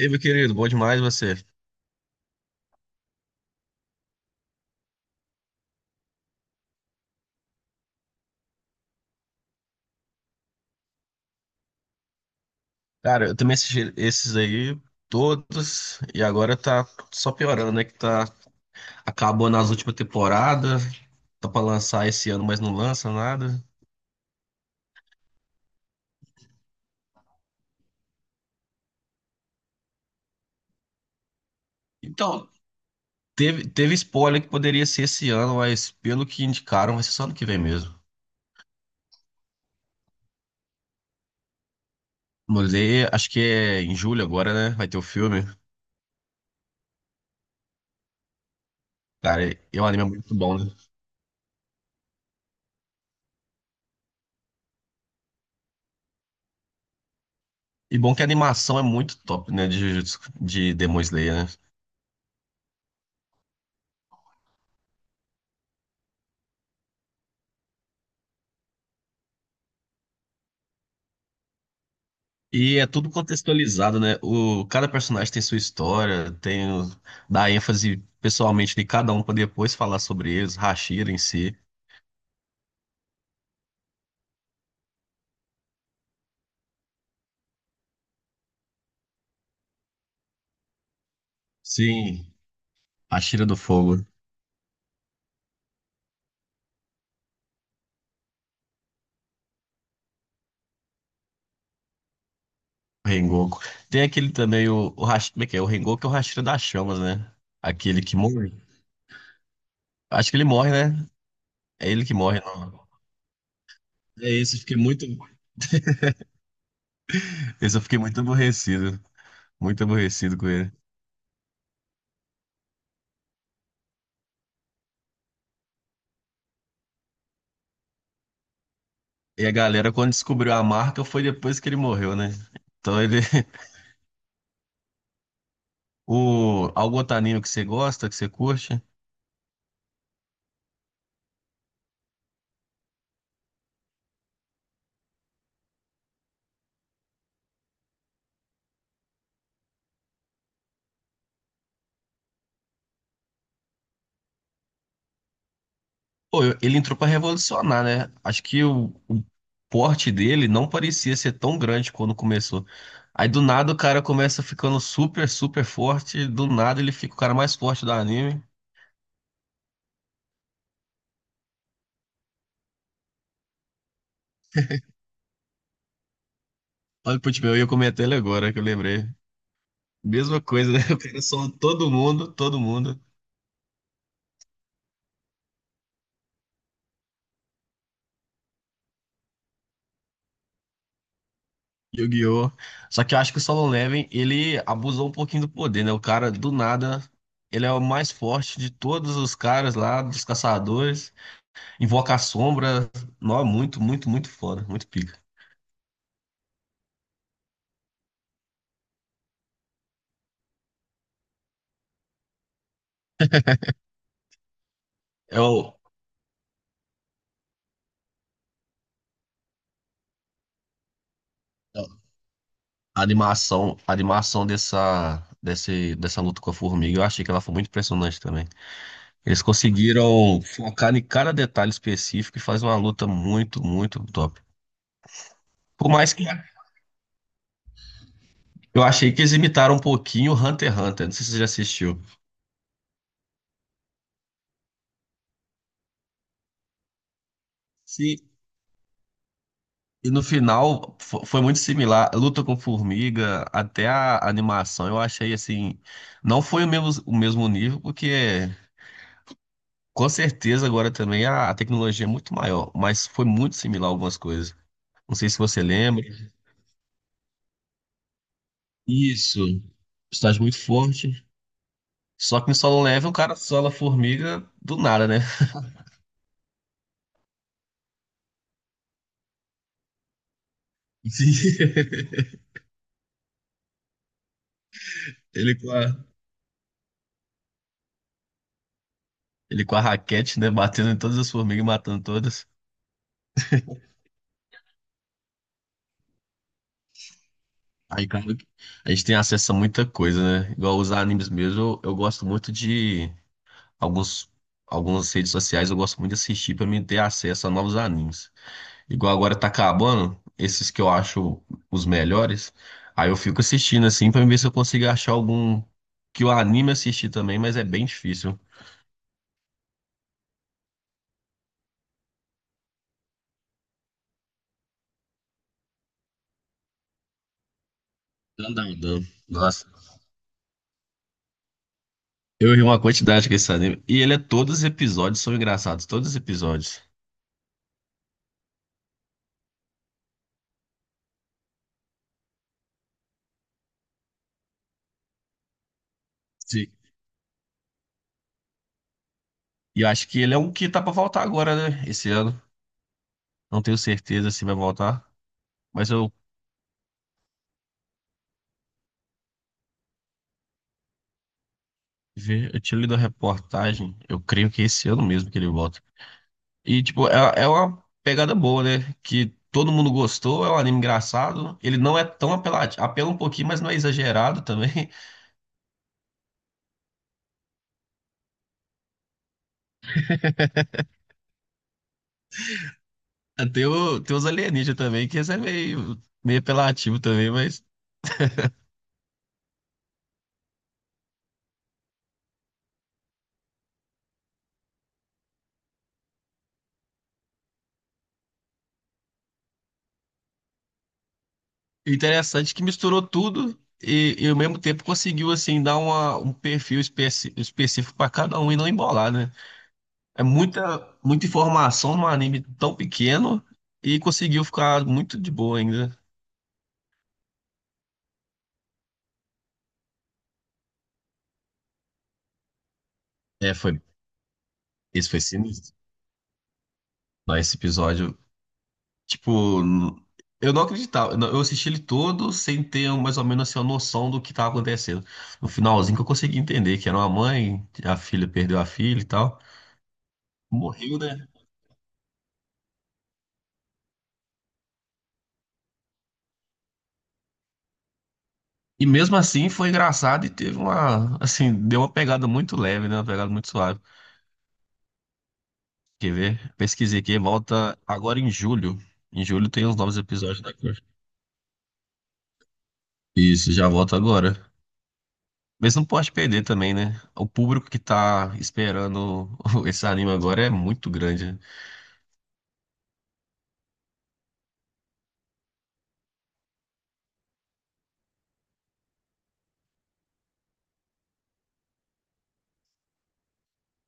Ei, meu querido, bom demais você. Cara, eu também assisti esses aí todos e agora tá só piorando, né? Que tá acabou nas últimas temporadas, tá pra lançar esse ano, mas não lança nada. Então, teve spoiler que poderia ser esse ano, mas pelo que indicaram, vai ser só ano que vem mesmo. Mulher, acho que é em julho agora, né? Vai ter o filme. Cara, e o anime é muito bom, né? E bom que a animação é muito top, né? De, de Demon Slayer, né? E é tudo contextualizado, né? O, cada personagem tem sua história, dá ênfase pessoalmente de cada um para depois falar sobre eles, Hashira em si. Sim, Hashira do Fogo, Rengoku. Tem aquele também, o como é que é? O Rengoku é o Hashira das Chamas, né? Aquele que morre. Acho que ele morre, né? É ele que morre. Não. É isso, eu fiquei muito. Esse eu fiquei muito aborrecido. Muito aborrecido com ele. E a galera, quando descobriu a marca, foi depois que ele morreu, né? Então ele. O Algotanino que você gosta, que você curte. Pô, ele entrou pra revolucionar, né? Acho que o porte dele não parecia ser tão grande quando começou. Aí do nada o cara começa ficando super, super forte. Do nada ele fica o cara mais forte do anime. Olha, putz, meu, eu ia comentar ele agora que eu lembrei. Mesma coisa, né? O cara soma todo mundo, todo mundo. Yu-Gi-Oh! Só que eu acho que o Solo Leveling, ele abusou um pouquinho do poder, né? O cara, do nada, ele é o mais forte de todos os caras lá, dos caçadores. Invoca a sombra. Nó, muito, muito, muito foda. Muito pica. É o- a animação dessa luta com a formiga, eu achei que ela foi muito impressionante também. Eles conseguiram focar em cada detalhe específico e faz uma luta muito, muito top. Por mais que eu achei que eles imitaram um pouquinho Hunter x Hunter. Não sei se você já assistiu. Sim. E no final foi muito similar. Luta com formiga, até a animação, eu achei assim. Não foi o mesmo nível, porque com certeza agora também a tecnologia é muito maior, mas foi muito similar algumas coisas. Não sei se você lembra. Isso. Estágio muito forte. Só que no Solo Level o cara sola a formiga do nada, né? Sim. Ele com a, ele com a raquete, né? Batendo em todas as formigas, e matando todas. Aí, cara, a gente tem acesso a muita coisa, né? Igual os animes mesmo, eu gosto muito de alguns, algumas redes sociais, eu gosto muito de assistir pra mim ter acesso a novos animes. Igual agora tá acabando, esses que eu acho os melhores, aí eu fico assistindo assim pra ver se eu consigo achar algum que o anime assistir também, mas é bem difícil. Dandadan. Nossa. Eu ri uma quantidade com esse anime. E ele é todos os episódios são engraçados, todos os episódios. Sim. E eu acho que ele é um que tá pra voltar agora, né? Esse ano. Não tenho certeza se vai voltar, mas eu vi, eu tinha lido a reportagem, eu creio que esse ano mesmo que ele volta. E, tipo, é uma pegada boa, né? Que todo mundo gostou, é um anime engraçado. Ele não é tão apelativo, apela um pouquinho, mas não é exagerado também. Tem, tem os alienígenas também, que esse é meio, meio apelativo também, mas interessante que misturou tudo e ao mesmo tempo conseguiu, assim, dar uma, um perfil específico para cada um e não embolar, né? É muita, muita informação num anime tão pequeno e conseguiu ficar muito de boa ainda. É, foi, esse foi sinistro. Não, esse episódio, tipo, eu não acreditava. Não, eu assisti ele todo sem ter mais ou menos assim, uma noção do que tava acontecendo. No finalzinho que eu consegui entender que era uma mãe, a filha perdeu a filha e tal. Morreu, né? E mesmo assim foi engraçado e teve uma, assim, deu uma pegada muito leve, né? Uma pegada muito suave. Quer ver? Pesquisei aqui, volta agora em julho. Em julho tem os novos episódios da Cor. Isso, já volta agora. Mas não pode perder também, né? O público que tá esperando esse anime agora é muito grande, né?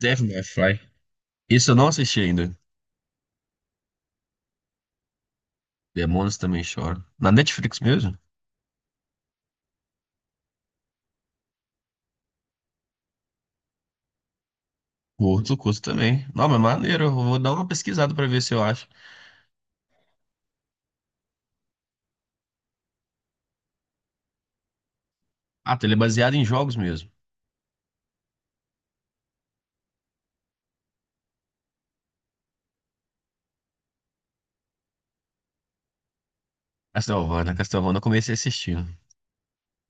Devil May Cry. Isso eu não assisti ainda. Demônios também choram. Na Netflix mesmo? O outro curso também. Não, mas maneiro. Eu vou dar uma pesquisada pra ver se eu acho. Ah, tá, ele é baseado em jogos mesmo. Castlevania, Castlevania eu comecei assistindo.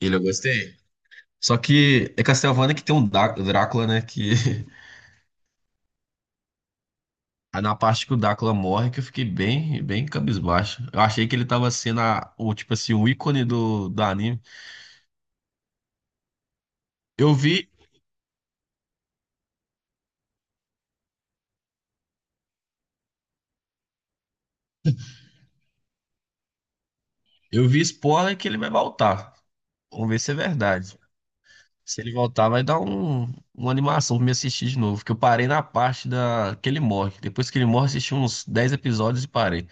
Ele eu gostei. Só que é Castlevania que tem um Drácula, né? Que aí na parte que o Dacla morre, que eu fiquei bem, bem cabisbaixo. Eu achei que ele tava sendo tipo assim, o ícone do anime. Eu vi, eu vi spoiler que ele vai voltar. Vamos ver se é verdade. Se ele voltar, vai dar uma animação pra me assistir de novo. Que eu parei na parte da, que ele morre. Depois que ele morre, assisti uns 10 episódios e parei.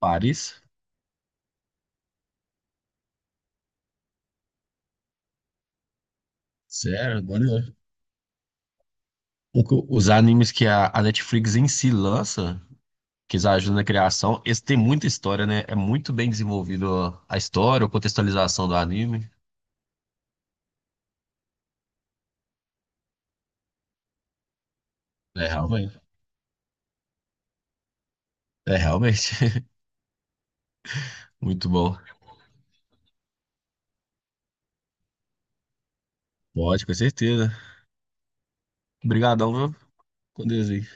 Paris? Sério, agora. Os animes que a Netflix em si lança. Que já ajuda na criação. Esse tem muita história, né? É muito bem desenvolvido a história, a contextualização do anime. É, realmente. É realmente muito bom. Pode, com certeza. Obrigadão, viu? Com Deus aí.